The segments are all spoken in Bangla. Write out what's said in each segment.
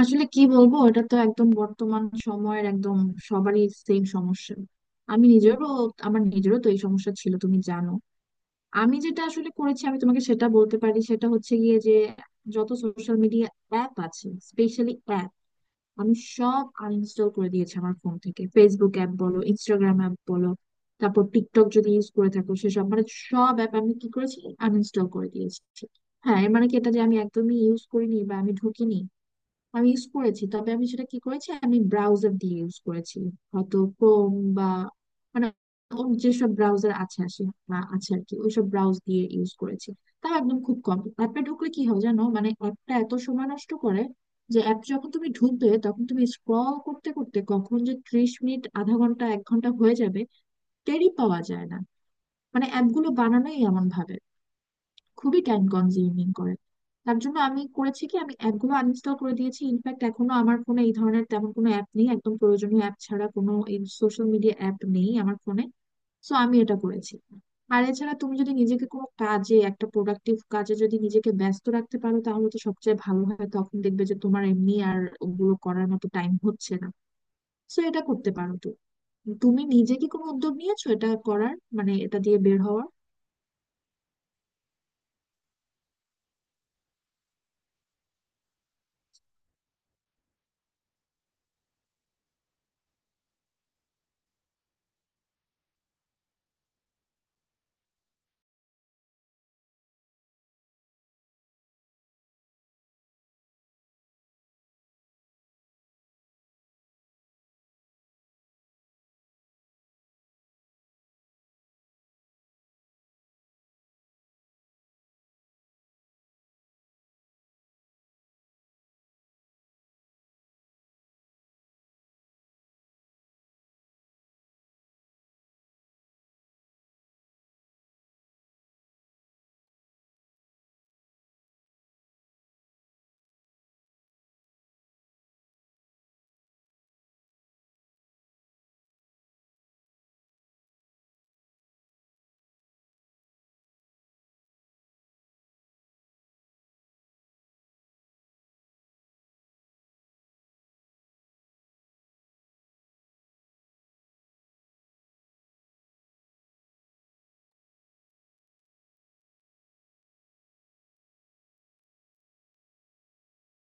আসলে কি বলবো? এটা তো একদম বর্তমান সময়ের একদম সবারই সেম সমস্যা। আমি নিজেরও আমার নিজেরও তো এই সমস্যা ছিল, তুমি জানো। আমি যেটা আসলে করেছি আমি তোমাকে সেটা বলতে পারি, সেটা হচ্ছে গিয়ে যে যত সোশ্যাল মিডিয়া অ্যাপ আছে, স্পেশালি অ্যাপ, আমি সব আনইনস্টল করে দিয়েছি আমার ফোন থেকে। ফেসবুক অ্যাপ বলো, ইনস্টাগ্রাম অ্যাপ বলো, তারপর টিকটক যদি ইউজ করে থাকো, সেসব মানে সব অ্যাপ আমি কি করেছি আনইনস্টল করে দিয়েছি। হ্যাঁ, এর মানে কি এটা যে আমি একদমই ইউজ করিনি বা আমি ঢুকিনি? আমি ইউজ করেছি, তবে আমি সেটা কি করেছি আমি ব্রাউজার দিয়ে ইউজ করেছি। হয়তো ক্রোম বা মানে অন্য যেসব ব্রাউজার আছে আসে বা আছে আর কি, ওইসব ব্রাউজ দিয়ে ইউজ করেছি। তাও একদম খুব কম। অ্যাপে ঢুকলে কি হয় জানো, মানে অ্যাপটা এত সময় নষ্ট করে যে অ্যাপ যখন তুমি ঢুকবে তখন তুমি স্ক্রল করতে করতে কখন যে 30 মিনিট, আধা ঘন্টা, 1 ঘন্টা হয়ে যাবে টেরই পাওয়া যায় না। মানে অ্যাপগুলো বানানোই এমন ভাবে, খুবই টাইম কনজিউমিং করে। তার জন্য আমি করেছি কি আমি অ্যাপগুলো আনইনস্টল করে দিয়েছি। ইনফ্যাক্ট এখনো আমার ফোনে এই ধরনের তেমন কোনো অ্যাপ নেই, একদম প্রয়োজনীয় অ্যাপ ছাড়া কোনো এই সোশ্যাল মিডিয়া অ্যাপ নেই আমার ফোনে। সো আমি এটা করেছি। আর এছাড়া তুমি যদি নিজেকে কোনো কাজে, একটা প্রোডাক্টিভ কাজে যদি নিজেকে ব্যস্ত রাখতে পারো তাহলে তো সবচেয়ে ভালো হয়। তখন দেখবে যে তোমার এমনি আর ওগুলো করার মতো টাইম হচ্ছে না। সো এটা করতে পারো। তো তুমি নিজে কি কোনো উদ্যোগ নিয়েছো এটা করার, মানে এটা দিয়ে বের হওয়ার?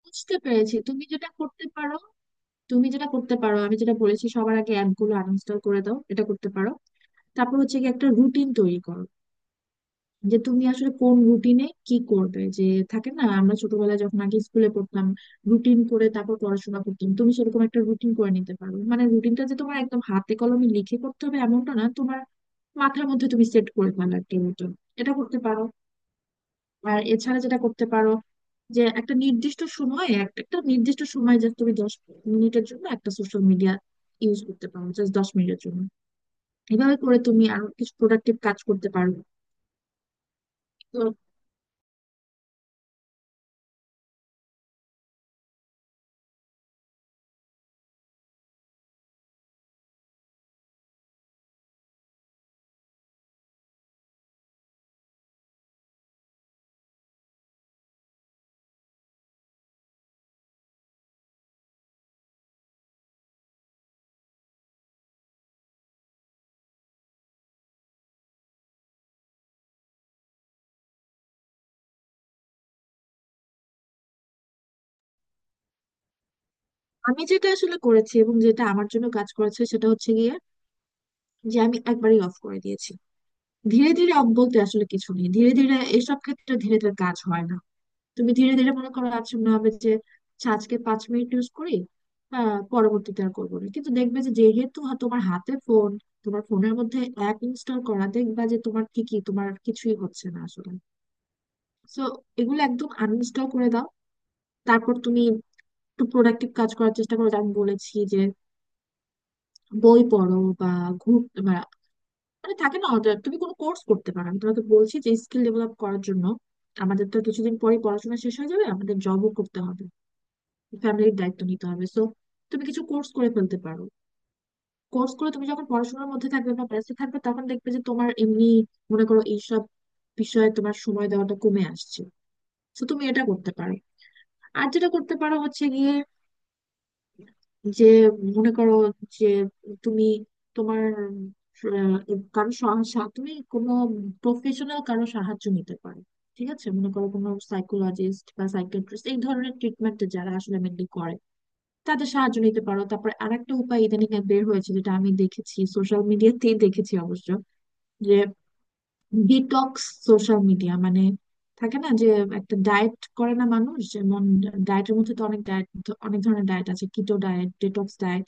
বুঝতে পেরেছি। তুমি যেটা করতে পারো, তুমি যেটা করতে পারো, আমি যেটা বলেছি, সবার আগে অ্যাপ গুলো আনইনস্টল করে দাও, এটা করতে পারো। তারপর হচ্ছে কি একটা রুটিন তৈরি করো যে তুমি আসলে কোন রুটিনে কি করবে। যে থাকে না আমরা ছোটবেলায় যখন আগে স্কুলে পড়তাম, রুটিন করে তারপর পড়াশোনা করতাম, তুমি সেরকম একটা রুটিন করে নিতে পারো। মানে রুটিনটা যে তোমার একদম হাতে কলমে লিখে করতে হবে এমনটা না, তোমার মাথার মধ্যে তুমি সেট করে ফেলো একটা রুটিন, এটা করতে পারো। আর এছাড়া যেটা করতে পারো, যে একটা নির্দিষ্ট সময়ে, একটা একটা নির্দিষ্ট সময় যে তুমি 10 মিনিটের জন্য একটা সোশ্যাল মিডিয়া ইউজ করতে পারো, জাস্ট 10 মিনিটের জন্য। এভাবে করে তুমি আরো কিছু প্রোডাক্টিভ কাজ করতে পারো। তো আমি যেটা আসলে করেছি এবং যেটা আমার জন্য কাজ করেছে সেটা হচ্ছে গিয়ে যে আমি একবারই অফ করে দিয়েছি। ধীরে ধীরে অফ বলতে আসলে কিছু নেই, ধীরে ধীরে এসব ক্ষেত্রে ধীরে ধীরে কাজ হয় না। তুমি ধীরে ধীরে মনে করো আজ মনে হবে যে আচ্ছা আজকে 5 মিনিট ইউজ করি, পরবর্তীতে আর করবো না, কিন্তু দেখবে যে যেহেতু তোমার হাতে ফোন, তোমার ফোনের মধ্যে অ্যাপ ইনস্টল করা, দেখবা যে তোমার ঠিকই, তোমার কিছুই হচ্ছে না আসলে। সো এগুলো একদম আনইনস্টল করে দাও। তারপর তুমি একটু প্রোডাক্টিভ কাজ করার চেষ্টা করো, যেমন বলেছি যে বই পড়ো বা ঘুর বা মানে থাকে না তুমি কোনো কোর্স করতে পারো। আমি তোমাকে বলছি যে স্কিল ডেভেলপ করার জন্য আমাদের তো কিছুদিন পরে পড়াশোনা শেষ হয়ে যাবে, আমাদের জবও করতে হবে, ফ্যামিলির দায়িত্ব নিতে হবে। সো তুমি কিছু কোর্স করে ফেলতে পারো। কোর্স করে তুমি যখন পড়াশোনার মধ্যে থাকবে বা ব্যস্ত থাকবে, তখন দেখবে যে তোমার এমনি মনে করো এইসব বিষয়ে তোমার সময় দেওয়াটা কমে আসছে। তো তুমি এটা করতে পারো। আর যেটা করতে পারো হচ্ছে গিয়ে যে মনে করো যে তুমি তোমার আহ, কারো সাহায্য, তুমি কোনো প্রফেশনাল কারো সাহায্য নিতে পারো। ঠিক আছে, মনে করো কোনো সাইকোলজিস্ট বা সাইকিয়াট্রিস্ট, এই ধরনের ট্রিটমেন্টে যারা আসলে মেনলি করে, তাদের সাহায্য নিতে পারো। তারপরে আরেকটা উপায় ইদানিং আর বের হয়েছে যেটা আমি দেখেছি, সোশ্যাল মিডিয়াতেই দেখেছি অবশ্য, যে ডিটক্স সোশ্যাল মিডিয়া। মানে থাকে না যে একটা ডায়েট করে না মানুষ যেমন, ডায়েটের মধ্যে তো অনেক ডায়েট, অনেক ধরনের ডায়েট আছে, কিটো ডায়েট, ডিটক্স ডায়েট।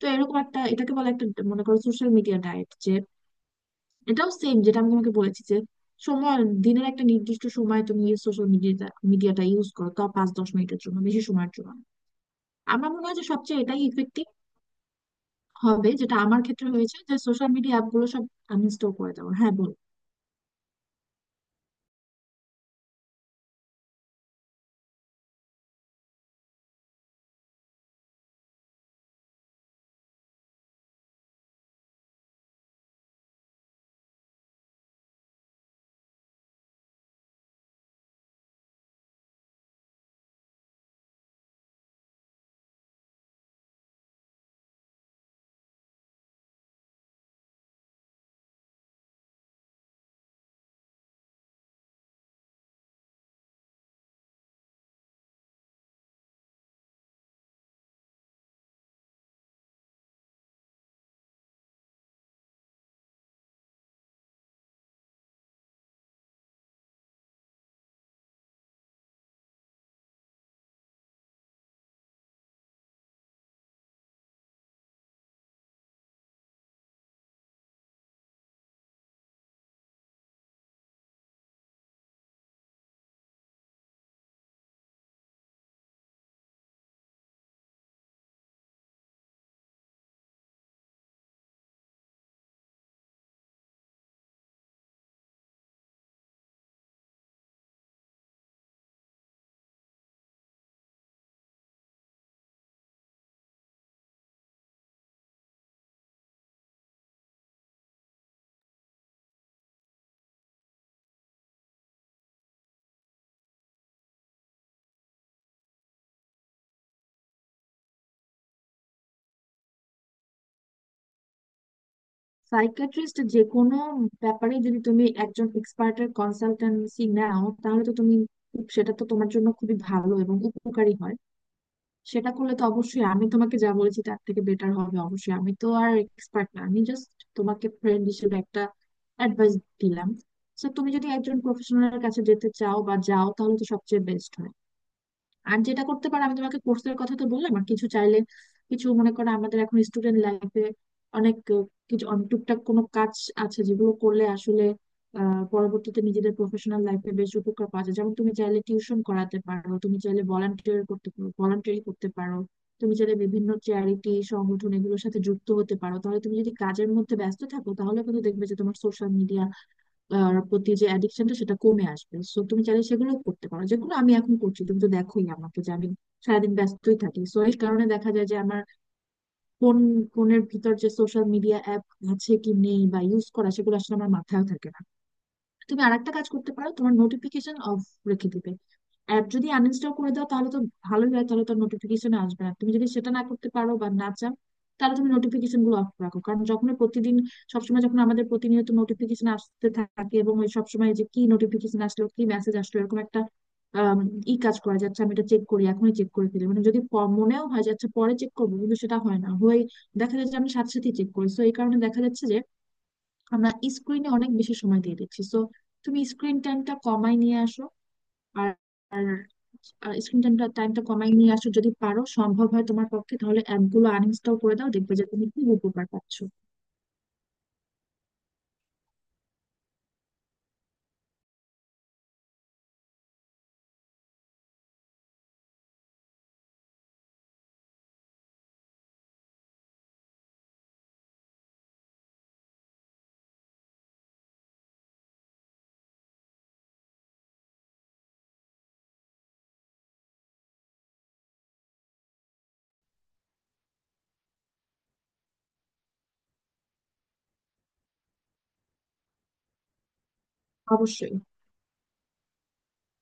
তো এরকম একটা, এটাকে বলে একটা, মনে করো, সোশ্যাল মিডিয়া ডায়েট। যে এটাও সেম যেটা আমি তোমাকে বলেছি যে সময় দিনের একটা নির্দিষ্ট সময় তুমি সোশ্যাল মিডিয়াটা মিডিয়াটা ইউজ করো, তাও 5-10 মিনিটের জন্য, বেশি সময়ের জন্য না। আমার মনে হয় যে সবচেয়ে এটাই ইফেক্টিভ হবে, যেটা আমার ক্ষেত্রে হয়েছে, যে সোশ্যাল মিডিয়া অ্যাপগুলো সব আনইনস্টল করে দেবো। হ্যাঁ, বল। সাইকিয়াট্রিস্ট, যে কোনো ব্যাপারে যদি তুমি একজন এক্সপার্টের কনসালটেন্সি নাও তাহলে তো তুমি খুব- সেটা তো তোমার জন্য খুবই ভালো এবং উপকারী হয়। সেটা করলে তো অবশ্যই আমি তোমাকে যা বলেছি তার থেকে বেটার হবে অবশ্যই। আমি তো আর এক্সপার্ট না, আমি জাস্ট তোমাকে ফ্রেন্ড হিসেবে একটা অ্যাডভাইস দিলাম। তো তুমি যদি একজন প্রফেশনালের কাছে যেতে চাও বা যাও তাহলে তো সবচেয়ে বেস্ট হয়। আর যেটা করতে পারো, আমি তোমাকে কোর্সের কথা তো বললাম, আর কিছু চাইলে, কিছু মনে করো আমাদের এখন স্টুডেন্ট লাইফে অনেক কিছু, অনেক টুকটাক কোনো কাজ আছে যেগুলো করলে আসলে পরবর্তীতে নিজেদের প্রফেশনাল লাইফে বেশ উপকার পাওয়া যায়। যেমন তুমি চাইলে টিউশন করাতে পারো, তুমি চাইলে ভলান্টিয়ার করতে পারো, ভলান্টিয়ারি করতে পারো, তুমি চাইলে বিভিন্ন চ্যারিটি সংগঠন এগুলোর সাথে যুক্ত হতে পারো। তাহলে তুমি যদি কাজের মধ্যে ব্যস্ত থাকো তাহলে কিন্তু দেখবে যে তোমার সোশ্যাল মিডিয়া প্রতি যে অ্যাডিকশনটা সেটা কমে আসবে। সো তুমি চাইলে সেগুলো করতে পারো, যেগুলো আমি এখন করছি। তুমি তো দেখোই আমাকে যে আমি সারাদিন ব্যস্তই থাকি। সো এই কারণে দেখা যায় যে আমার ফোন ফোনের ভিতর যে সোশ্যাল মিডিয়া অ্যাপ আছে কি নেই বা ইউজ করা, সেগুলো আসলে আমার মাথায় থাকে না। তুমি আরেকটা কাজ করতে পারো, তোমার নোটিফিকেশন অফ রেখে দিবে। অ্যাপ যদি আনইনস্টল করে দাও তাহলে তো ভালোই হয়, তাহলে তো নোটিফিকেশন আসবে না। তুমি যদি সেটা না করতে পারো বা না চাও তাহলে তুমি নোটিফিকেশন গুলো অফ রাখো। কারণ যখন প্রতিদিন, সবসময় যখন আমাদের প্রতিনিয়ত নোটিফিকেশন আসতে থাকে, এবং ওই সবসময় যে কি নোটিফিকেশন আসলো কি মেসেজ আসলো, এরকম একটা আম, ই, কাজ করা যাচ্ছে আমি এটা চেক করি, এখনই চেক করে ফেলি, মানে যদি মনেও হয় যাচ্ছে পরে চেক করবো কিন্তু সেটা হয় না, হয়ে দেখা যাচ্ছে আমি সাথে সাথে চেক করি। তো এই কারণে দেখা যাচ্ছে যে আমরা স্ক্রিনে অনেক বেশি সময় দিয়ে দিচ্ছি। সো তুমি স্ক্রিন টাইমটা কমায় নিয়ে আসো। আর স্ক্রিন টাইমটা টাইমটা কমায় নিয়ে আসো, যদি পারো সম্ভব হয় তোমার পক্ষে তাহলে অ্যাপগুলো আনইনস্টল করে দাও, দেখবে যে তুমি খুব উপকার পাচ্ছ। অবশ্যই।